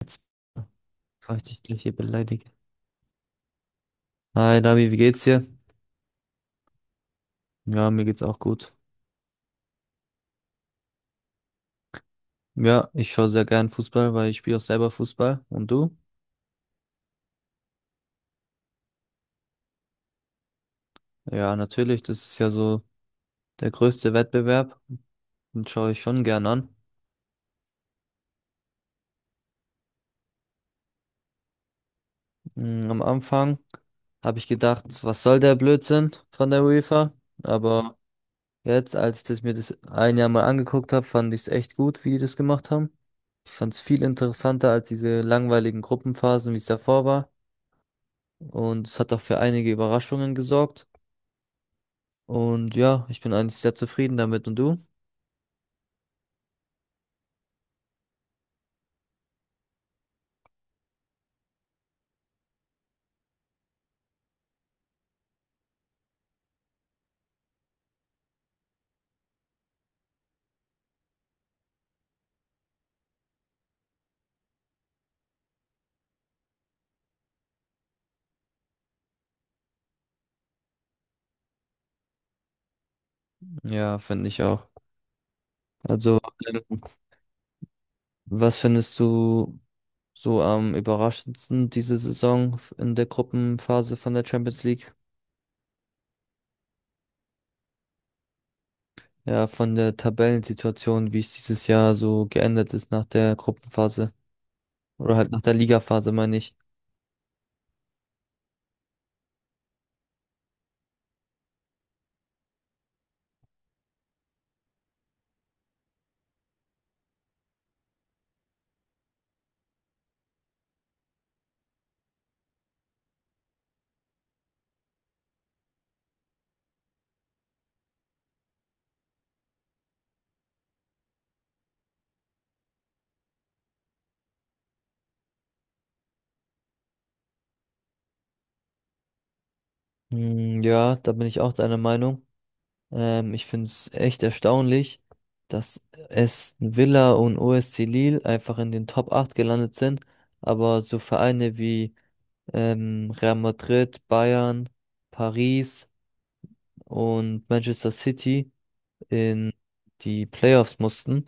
Jetzt, bevor ich dich gleich hier beleidige. Hi, Davi, wie geht's dir? Ja, mir geht's auch gut. Ja, ich schaue sehr gern Fußball, weil ich spiele auch selber Fußball. Und du? Ja, natürlich, das ist ja so der größte Wettbewerb. Den schaue ich schon gern an. Mm, am Anfang habe ich gedacht, was soll der Blödsinn von der UEFA? Aber jetzt, als ich das mir das ein Jahr mal angeguckt habe, fand ich es echt gut, wie die das gemacht haben. Ich fand es viel interessanter als diese langweiligen Gruppenphasen, wie es davor war. Und es hat auch für einige Überraschungen gesorgt. Und ja, ich bin eigentlich sehr zufrieden damit. Und du? Ja, finde ich auch. Also, ähm, was findest du so am überraschendsten diese Saison in der Gruppenphase von der Champions League? Ja, von der Tabellensituation, wie es dieses Jahr so geändert ist nach der Gruppenphase, oder halt nach der Ligaphase, meine ich. Hm, ja, da bin ich auch deiner Meinung. Ich finde es echt erstaunlich, dass Aston Villa und OSC Lille einfach in den Top 8 gelandet sind, aber so Vereine wie Real Madrid, Bayern, Paris und Manchester City in die Playoffs mussten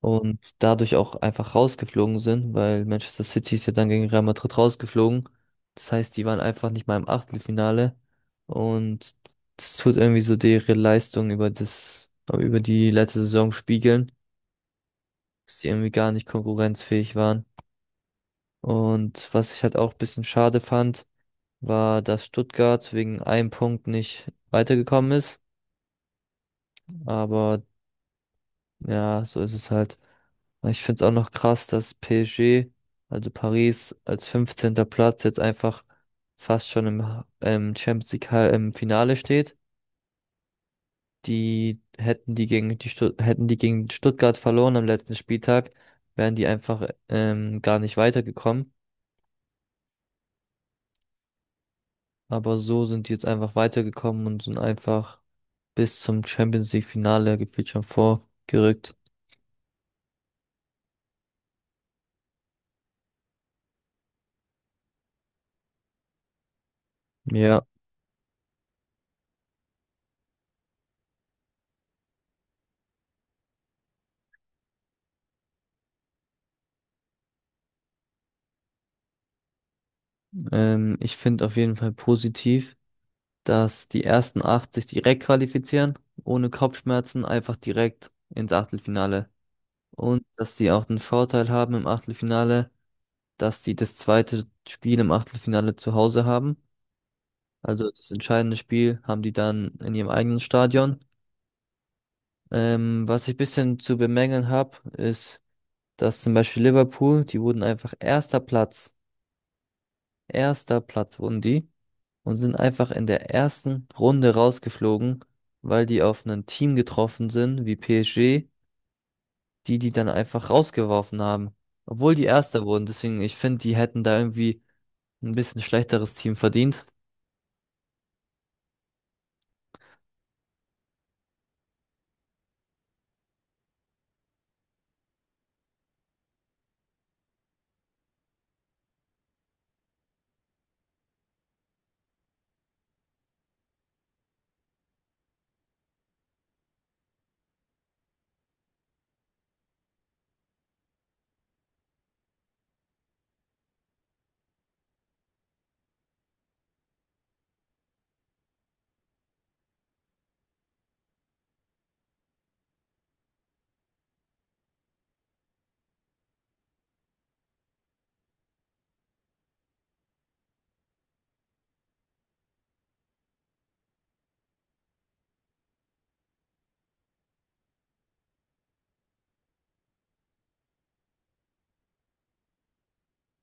und dadurch auch einfach rausgeflogen sind, weil Manchester City ist ja dann gegen Real Madrid rausgeflogen. Das heißt, die waren einfach nicht mal im Achtelfinale und das tut irgendwie so ihre Leistung über über die letzte Saison spiegeln, dass die irgendwie gar nicht konkurrenzfähig waren. Und was ich halt auch ein bisschen schade fand, war, dass Stuttgart wegen einem Punkt nicht weitergekommen ist. Aber ja, so ist es halt. Aber ich finde es auch noch krass, dass PSG, also Paris, als fünfzehnter Platz jetzt einfach fast schon im Champions League im Finale steht. Die hätten die gegen die Stutt Hätten die gegen Stuttgart verloren am letzten Spieltag, wären die einfach gar nicht weitergekommen. Aber so sind die jetzt einfach weitergekommen und sind einfach bis zum Champions League Finale gefühlt schon vorgerückt. Ja, ich finde auf jeden Fall positiv, dass die ersten acht sich direkt qualifizieren, ohne Kopfschmerzen, einfach direkt ins Achtelfinale. Und dass die auch den Vorteil haben im Achtelfinale, dass die das zweite Spiel im Achtelfinale zu Hause haben. Also das entscheidende Spiel haben die dann in ihrem eigenen Stadion. Was ich bisschen zu bemängeln habe, ist, dass zum Beispiel Liverpool, die wurden einfach erster Platz wurden die. Und sind einfach in der ersten Runde rausgeflogen, weil die auf ein Team getroffen sind, wie PSG, die dann einfach rausgeworfen haben, obwohl die Erster wurden. Deswegen, ich finde, die hätten da irgendwie ein bisschen schlechteres Team verdient.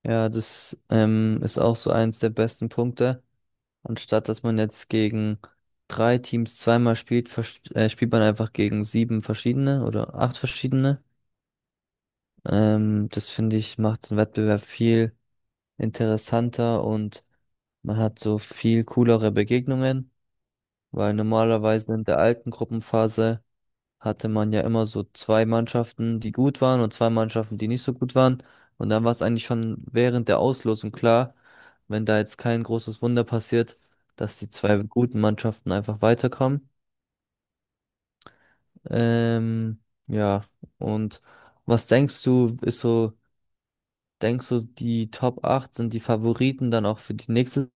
Ja, das ist auch so eins der besten Punkte. Anstatt dass man jetzt gegen drei Teams zweimal spielt, spielt man einfach gegen sieben verschiedene oder acht verschiedene. Das finde ich macht den Wettbewerb viel interessanter, und man hat so viel coolere Begegnungen, weil normalerweise in der alten Gruppenphase hatte man ja immer so zwei Mannschaften, die gut waren und zwei Mannschaften, die nicht so gut waren. Und dann war es eigentlich schon während der Auslosung klar, wenn da jetzt kein großes Wunder passiert, dass die zwei guten Mannschaften einfach weiterkommen. Ähm, ja, und was denkst du, denkst du, die Top 8 sind die Favoriten dann auch für die nächste?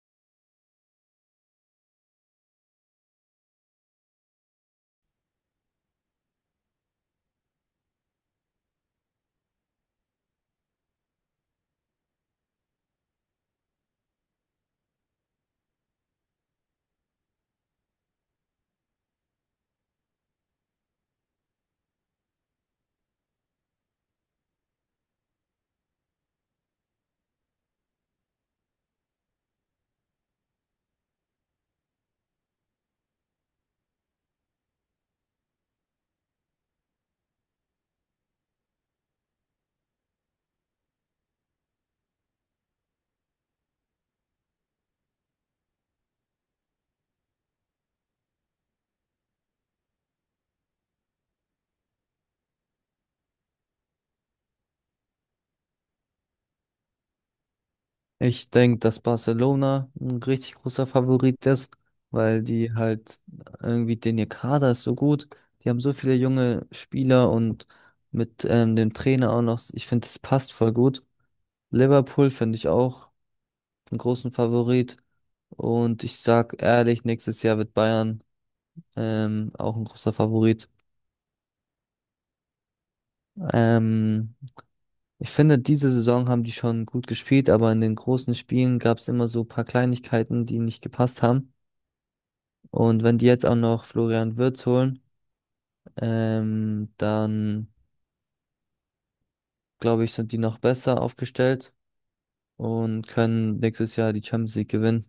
Ich denke, dass Barcelona ein richtig großer Favorit ist, weil die halt irgendwie, den ihr Kader ist so gut. Die haben so viele junge Spieler und mit dem Trainer auch noch, ich finde, das passt voll gut. Liverpool finde ich auch einen großen Favorit. Und ich sag ehrlich, nächstes Jahr wird Bayern auch ein großer Favorit. Ähm, Ich finde, diese Saison haben die schon gut gespielt, aber in den großen Spielen gab es immer so ein paar Kleinigkeiten, die nicht gepasst haben. Und wenn die jetzt auch noch Florian Wirtz holen, dann glaube ich, sind die noch besser aufgestellt und können nächstes Jahr die Champions League gewinnen.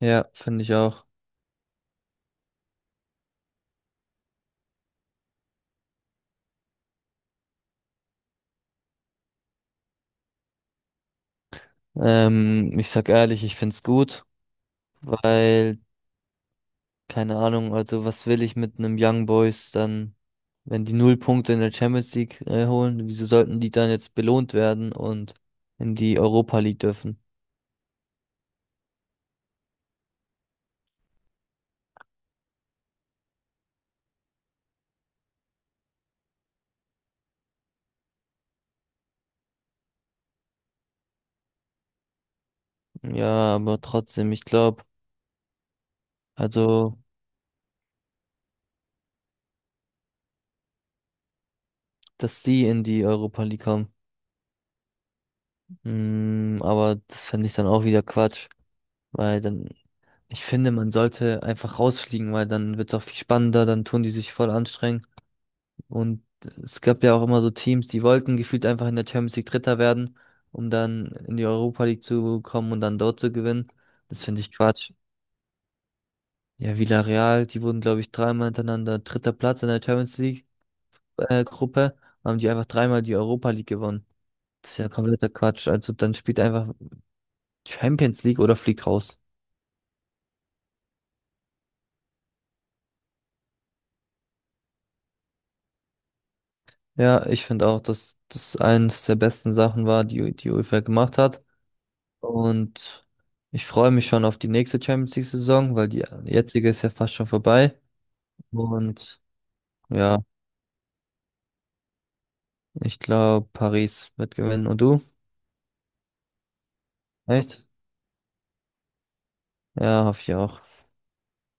Ja, finde ich auch. Ich sag ehrlich, ich find's gut, weil, keine Ahnung, also was will ich mit einem Young Boys dann, wenn die null Punkte in der Champions League holen, wieso sollten die dann jetzt belohnt werden und in die Europa League dürfen? Ja, aber trotzdem, ich glaube, also, dass die in die Europa League kommen. Mm, aber das fände ich dann auch wieder Quatsch, weil dann, ich finde, man sollte einfach rausfliegen, weil dann wird es auch viel spannender, dann tun die sich voll anstrengen. Und es gab ja auch immer so Teams, die wollten gefühlt einfach in der Champions League Dritter werden, um dann in die Europa League zu kommen und dann dort zu gewinnen. Das finde ich Quatsch. Ja, Villarreal, die wurden, glaube ich, dreimal hintereinander dritter Platz in der Champions League Gruppe, haben die einfach dreimal die Europa League gewonnen. Das ist ja kompletter Quatsch. Also dann spielt einfach Champions League oder fliegt raus. Ja, ich finde auch, dass das eines der besten Sachen war, die die UEFA gemacht hat. Und ich freue mich schon auf die nächste Champions League-Saison, weil die jetzige ist ja fast schon vorbei. Und ja, ich glaube, Paris wird gewinnen. Und du? Echt? Ja, hoffe ich auch.